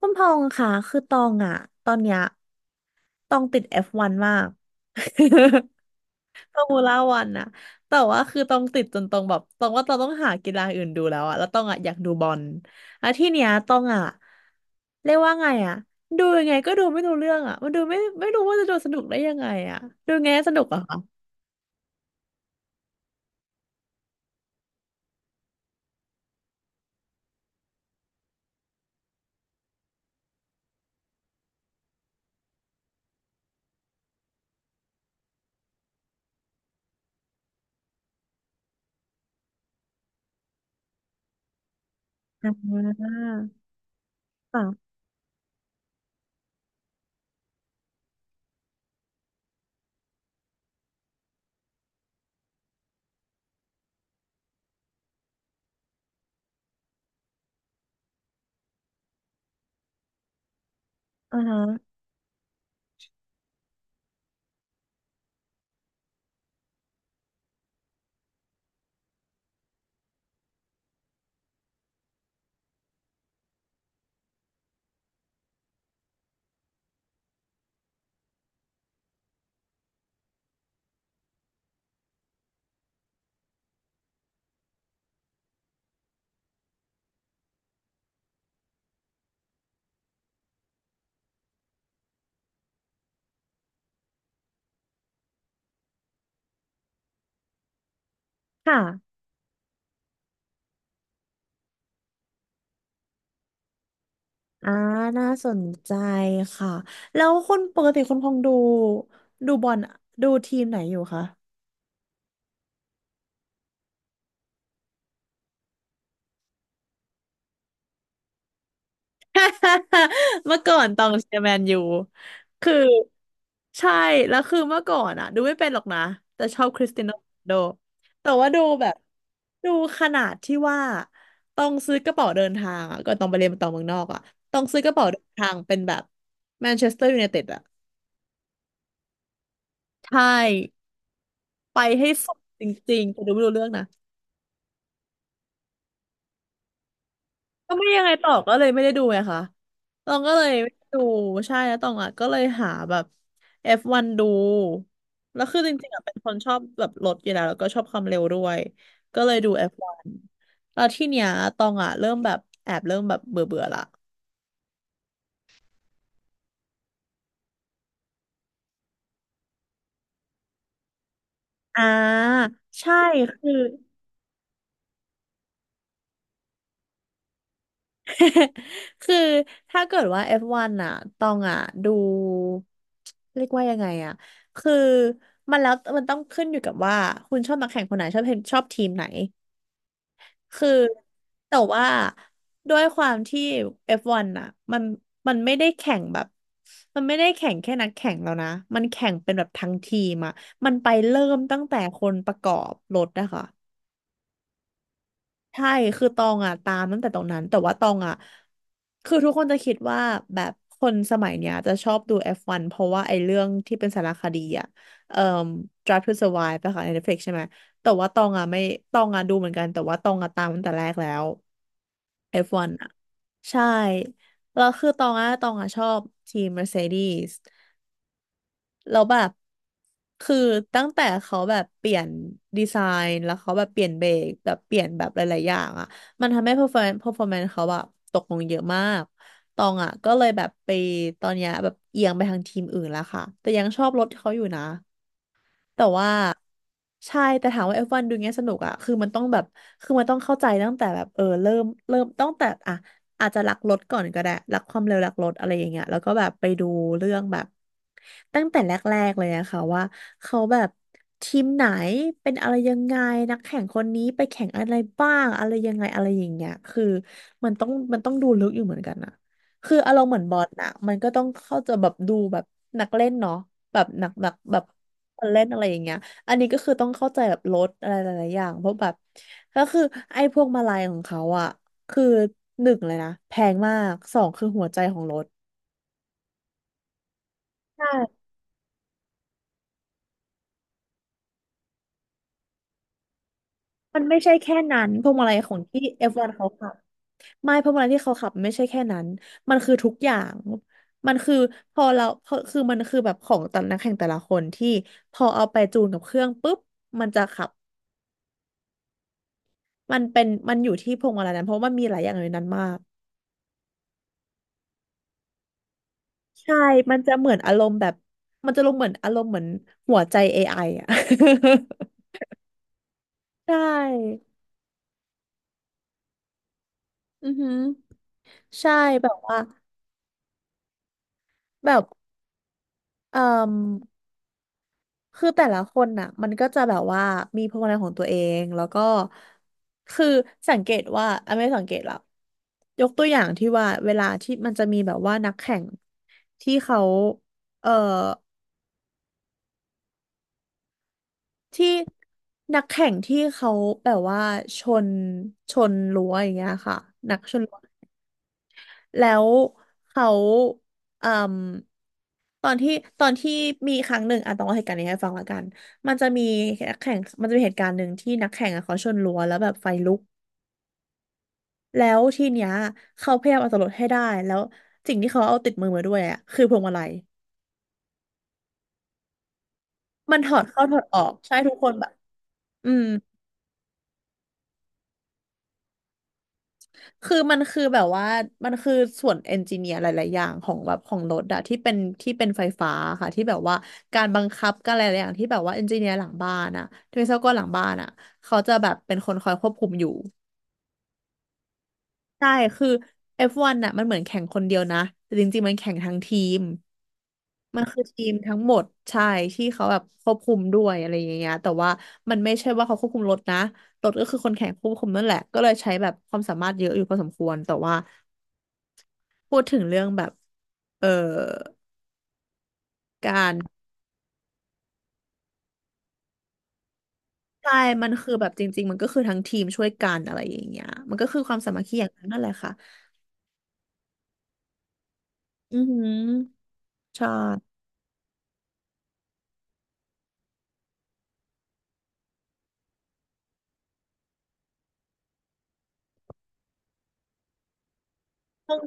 คุณพองษ์ค่ะคือตองอะตอนเนี้ยตองติดเอฟวันมาก ฟอร์มูล่าวันนะแต่ว่าคือตองติดจนตองแบบตองว่าตองต้องหากีฬาอื่นดูแล้วอะแล้วตองอะอยากดูบอลแล้วที่เนี้ยตองอะเรียกว่าไงอะดูยังไงก็ดูไม่รู้เรื่องอะมันดูไม่รู้ว่าจะดูสนุกได้ยังไงอะดูยังไงให้สนุกอะคะอ่าค่ะอ่าฮะค่ะ อ่าน่าสนใจค่ะแล้วคนปกติคนคงดูบอลดูทีมไหนอยู่คะ เมื่อก่อนตองเชียร์แมนยูคือใช่แล้วคือเมื่อก่อนอะดูไม่เป็นหรอกนะแต่ชอบคริสเตียโนโรนัลโดแต่ว่าดูแบบดูขนาดที่ว่าต้องซื้อกระเป๋าเดินทางอะก็ต้องไปเรียนต่อเมืองนอกอะต้องซื้อกระเป๋าเดินทางเป็นแบบแมนเชสเตอร์ยูไนเต็ดอะใช่ไปให้สุดจริงๆแต่ดูไม่รู้เรื่องนะ ก็ไม่ยังไงต่อก็เลยไม่ได้ดูไงคะตองก็เลยไม่ได้ดูใช่แล้วตองอ่ะก็เลยหาแบบ F1 ดูแล้วคือจริงๆอ่ะเป็นคนชอบแบบรถอยู่แล้วแล้วก็ชอบความเร็วด้วยก็เลยดู F1 แล้วที่เนี้ยตองอ่ะเริ่มแบบแอบเริ่มแบบเบื่อเบื่อละอ่าใช่คือ คือถ้าเกิดว่า F1 อฟวันอ่ะตองอ่ะดูเรียกว่ายังไงอ่ะคือมันแล้วมันต้องขึ้นอยู่กับว่าคุณชอบนักแข่งคนไหนชอบเห็นชอบทีมไหนคือแต่ว่าด้วยความที่ F1 อฟวันอ่ะมันมันไม่ได้แข่งแบบมันไม่ได้แข่งแค่นักแข่งแล้วนะ มันแข่งเป็นแบบทั้งทีมอ่ะมันไปเริ่มตั้งแต่คนประกอบรถนะคะ ใช่ คือตองอ่ะตามตั้งแต่ตรงนั้น แต่ว่าตองอ่ะคือทุกคนจะคิดว่าแบบคนสมัยเนี้ยจะชอบดู F1 เพราะว่าไอ้เรื่องที่เป็นสารคดีอ่ะเอ่อ Drive to Survive ไปค่ะใน Netflix ใช่ไหม แต่ว่าตองอ่ะไม่ตองอ่ะดูเหมือนกัน แต่ว่าตองอ่ะตามตั้งแต่แรกแล้ว F1 อฟวันอ่ะใช่ แล้วคือตองอ่ะชอบทีม Mercedes แล้วแบบคือตั้งแต่เขาแบบเปลี่ยนดีไซน์แล้วเขาแบบเปลี่ยนเบรกแบบเปลี่ยนแบบหลายๆอย่างอ่ะมันทำให้ performance เขาแบบตกลงเยอะมากตองอ่ะก็เลยแบบไปตอนเนี้ยแบบเอียงไปทางทีมอื่นแล้วค่ะแต่ยังชอบรถเขาอยู่นะ แต่ว่าใช่แต่ถามว่าเอฟวันดูเงี้ยสนุกอะคือมันต้องแบบคือมันต้องเข้าใจตั้งแต่แบบเออเริ่มตั้งแต่อะอาจจะรักรถก่อนก็ได้รักความเร็วรักรถอะไรอย่างเงี้ยแล้วก็แบบไปดูเรื่องแบบตั้งแต่แรกๆเลยอะค่ะว่าเขาแบบทีมไหนเป็นอะไรยังไงนักแข่งคนนี้ไปแข่งอะไรบ้างอะไรยังไงอะไรอย่างเงี้ยคือมันต้องดูลึกอยู่เหมือนกันอะคืออารมณ์เหมือนบอลนะมันก็ต้องเข้าใจแบบดูแบบนักเล่นเนาะแบบหนักหนักแบบ คนเล่นอะไรอย่างเงี้ยอันนี้ก็คือต้องเข้าใจแบบรถอะไรหลายๆอย่างเพราะแบบก็คือไอ้พวกมาลัยของเขาอ่ะคือหนึ่งเลยนะแพงมากสองคือหัวใจของรถใช่มันไม่ใช่แค่นั้นพวงมาลัยของที่ F1 เขาขับไม่เพราะมาลันที่เขาขับไม่ใช่แค่นั้นมันคือทุกอย่างมันคือพอเราพอคือมันคือแบบของแต่ละนักแข่งแต่ละคนที่พอเอาไปจูนกับเครื่องปุ๊บมันจะขับมันเป็นมันอยู่ที่พวงมาลัยนั้นเพราะว่ามันมีหลายอย่างในนั้นมาก ใช่มันจะเหมือนอารมณ์แบบมันจะลงเหมือนอารมณ์เหมือนหัวใจ AI อไออ่ะ ใช่อือหือใช่แบบว่าแบบเอ่มคือแต่ละคนน่ะมันก็จะแบบว่ามีพลังของตัวเองแล้วก็คือสังเกตว่าอ่ะไม่สังเกตหรอกยกตัวอย่างที่ว่าเวลาที่มันจะมีแบบว่านักแข่งที่เขาเอ่อที่นักแข่งที่เขาแบบว่าชนชนรั้วอย่างเงี้ยค่ะนักชน แล้วเขาเอ่มตอนที่ตอนที่มีครั้งหนึ่งอ่ะต้องเล่าเหตุการณ์นี้ให้ฟังละกันมันจะมีนักแข่งมันจะมีเหตุการณ์หนึ่งที่นักแข่งอ่ะเขาชนรั้วแล้วแบบไฟลุกแล้วทีเนี้ยเขาพยายามเอาตัวรอดให้ได้แล้วสิ่งที่เขาเอาติดมือมาด้วยอ่ะคือพวงมาลัยมันถอดเข้าถอดออกใช่ทุกคนแบบอืม คือมันคือแบบว่ามันคือส่วนเอนจิเนียร์หลายๆอย่างของแบบของรถอะที่เป็นไฟฟ้าค่ะที่แบบว่าการบังคับการอะไรหลายๆอย่างที่แบบว่าเอนจิเนียร์หลังบ้านอะที่วิศวกรหลังบ้านอะเขาจะแบบเป็นคนคอยควบคุมอยู่ใช่คือ F1 นน่ะมันเหมือนแข่งคนเดียวนะแต่จริงๆมันแข่งทั้งทีมมันคือทีมทั้งหมดใช่ที่เขาแบบควบคุมด้วยอะไรอย่างเงี้ยแต่ว่ามันไม่ใช่ว่าเขาควบคุมรถนะรถก็คือคนแข่งควบคุมนั่นแหละก็เลยใช้แบบความสามารถเยอะอยู่พอสมควรแต่ว่า พูดถึงเรื่องแบบเอ่อการใช่มันคือแบบจริงๆมันก็คือทั้งทีมช่วยกันอะไรอย่างเงี้ยมันก็คือความสามัคคีอย่างนั้นนั่นแหละค่ะอือหือใช่ต้อง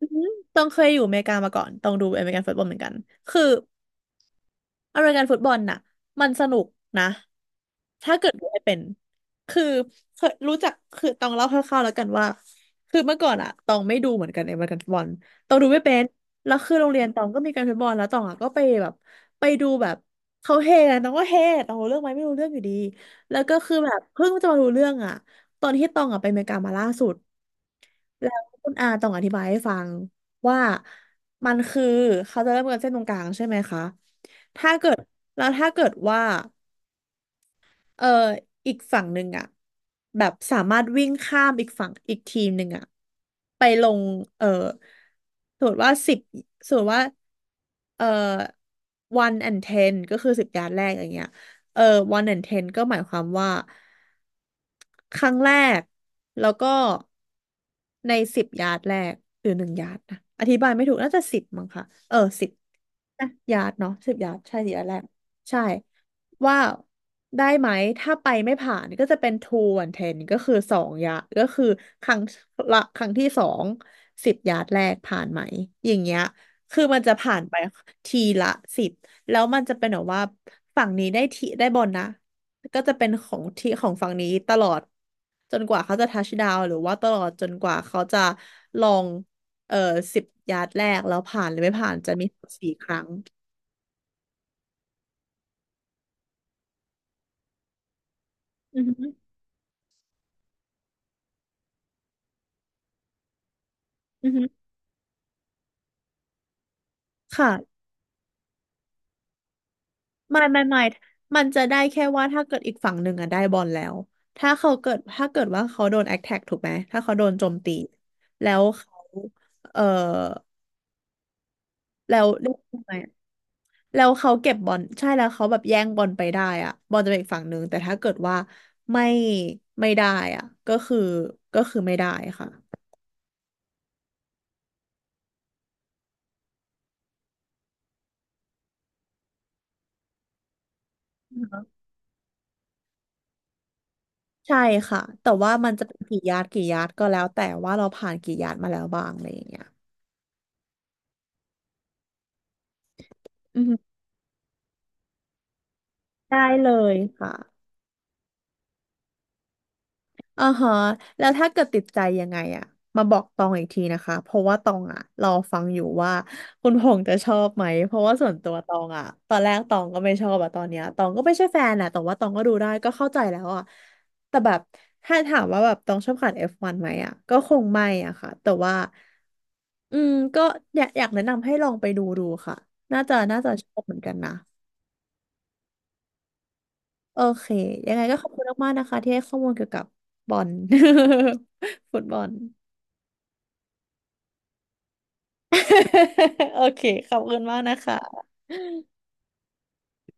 อือหือต้องเคยอยู่อเมริกามาก่อน ต้องดูอเมริกันฟุตบอลเหมือนกันคือ อเมริกันฟุตบอลน่ะมันสนุกนะถ้าเกิดดูให้เป็นคือเคยรู้จักคือต้องเล่าคร่าวๆแล้วกันว่าคือเมื่อก่อนอะตองไม่ดูเหมือนกันในอเมริกันฟุตบอลตองดูไม่เป็นแล้วคือโรงเรียนตองก็มีการฟุตบอลแล้วตองอะก็ไปแบบไปดูแบบเขาเฮกันตองก็เฮตองรู้เรื่องไหมไม่รู้เรื่องอยู่ดีแล้วก็คือแบบเพิ่งจะมารู้เรื่องอะตอนที่ตองอะไปอเมริกามาล่าสุด แล้วคุณอาต้องอธิบายให้ฟังว่ามันคือเขาจะเริ่มกันเส้นตรงกลางใช่ไหมคะถ้าเกิดแล้วถ้าเกิดว่า เอออีกฝั่งหนึ่งอ่ะแบบสามารถวิ่งข้ามอีกฝั่งอีกทีมหนึ่งอ่ะไปลงเออสมมติว่าสิบสมมติว่าเออ one and ten ก็คือ10 ยาร์ดแรกอย่างเงี้ยเออ one and ten ก็หมายความว่าครั้งแรกแล้วก็ในสิบยาร์ดแรกหรือหนึ่งยาร์ดนะอธิบายไม่ถูกน่าจะสิบมั้งค่ะเออสิบยาร์ดเนาะสิบยาร์ดใช่สิบยาร์ดแรกใช่ ว่าได้ไหมถ้าไปไม่ผ่านก็จะเป็น two and ten ก็คือสองยะก็คือครั้งละครั้งที่สองสิบยาร์ดแรกผ่านไหมอย่างเงี้ยคือมันจะผ่านไปทีละสิบแล้วมันจะเป็นแบบว่าฝั่งนี้ได้ทีได้บอลนะก็จะเป็นของที่ของฝั่งนี้ตลอดจนกว่าเขาจะทัชดาวหรือว่าตลอดจนกว่าเขาจะลองเอ่อสิบยาร์ดแรกแล้วผ่านหรือไม่ผ่านจะมี4 ครั้งอือฮึอือฮึค่ะ ไม่ไม่ไม่มันจะได้แค่ว่าถ้าเกิดอีกฝั่งหนึ่งอะได้บอลแล้วถ้าเกิดว่าเขาโดนแอคแท็กถูกไหมถ้าเขาโดนโจมตีแล้วเขาเออแล้วเรียกว่าไงอะแล้วเขาเก็บบอลใช่แล้วเขาแบบแย่งบอลไปได้อะบอลจะเป็นอีกฝั่งหนึ่งแต่ถ้าเกิดว่าไม่ไม่ได้อะก็คือไม่ได้ค่ะใช่ค่ะแต่ว่ามันจะเป็นกี่ยาร์ดกี่ยาร์ดก็แล้วแต่ว่าเราผ่านกี่ยาร์ดมาแล้วบ้างอะไรอย่างเงี้ยอือฮึได้เลยค่ะ อ่าฮะแล้วถ้าเกิดติดใจยังไงอะมาบอกตองอีกทีนะคะเพราะว่าตองอะรอฟังอยู่ว่าคุณพงษ์จะชอบไหมเพราะว่าส่วนตัวตองอะตอนแรกตองก็ไม่ชอบอะตอนเนี้ยตองก็ไม่ใช่แฟนนะแต่ว่าตองก็ดูได้ก็เข้าใจแล้วอะแต่แบบถ้าถามว่าแบบตองชอบขัน F1 ไหมอะก็คงไม่อะค่ะแต่ว่าอืมก็อยากแนะนำให้ลองไปดูค่ะน่าจะชอบเหมือนกันนะโอเคยังไงก็ขอบคุณมากๆนะคะที่ให้ข้อมูลเกี่ยวกับบอล ฟุตบอล โอเค ขอบคุณมากนะคะ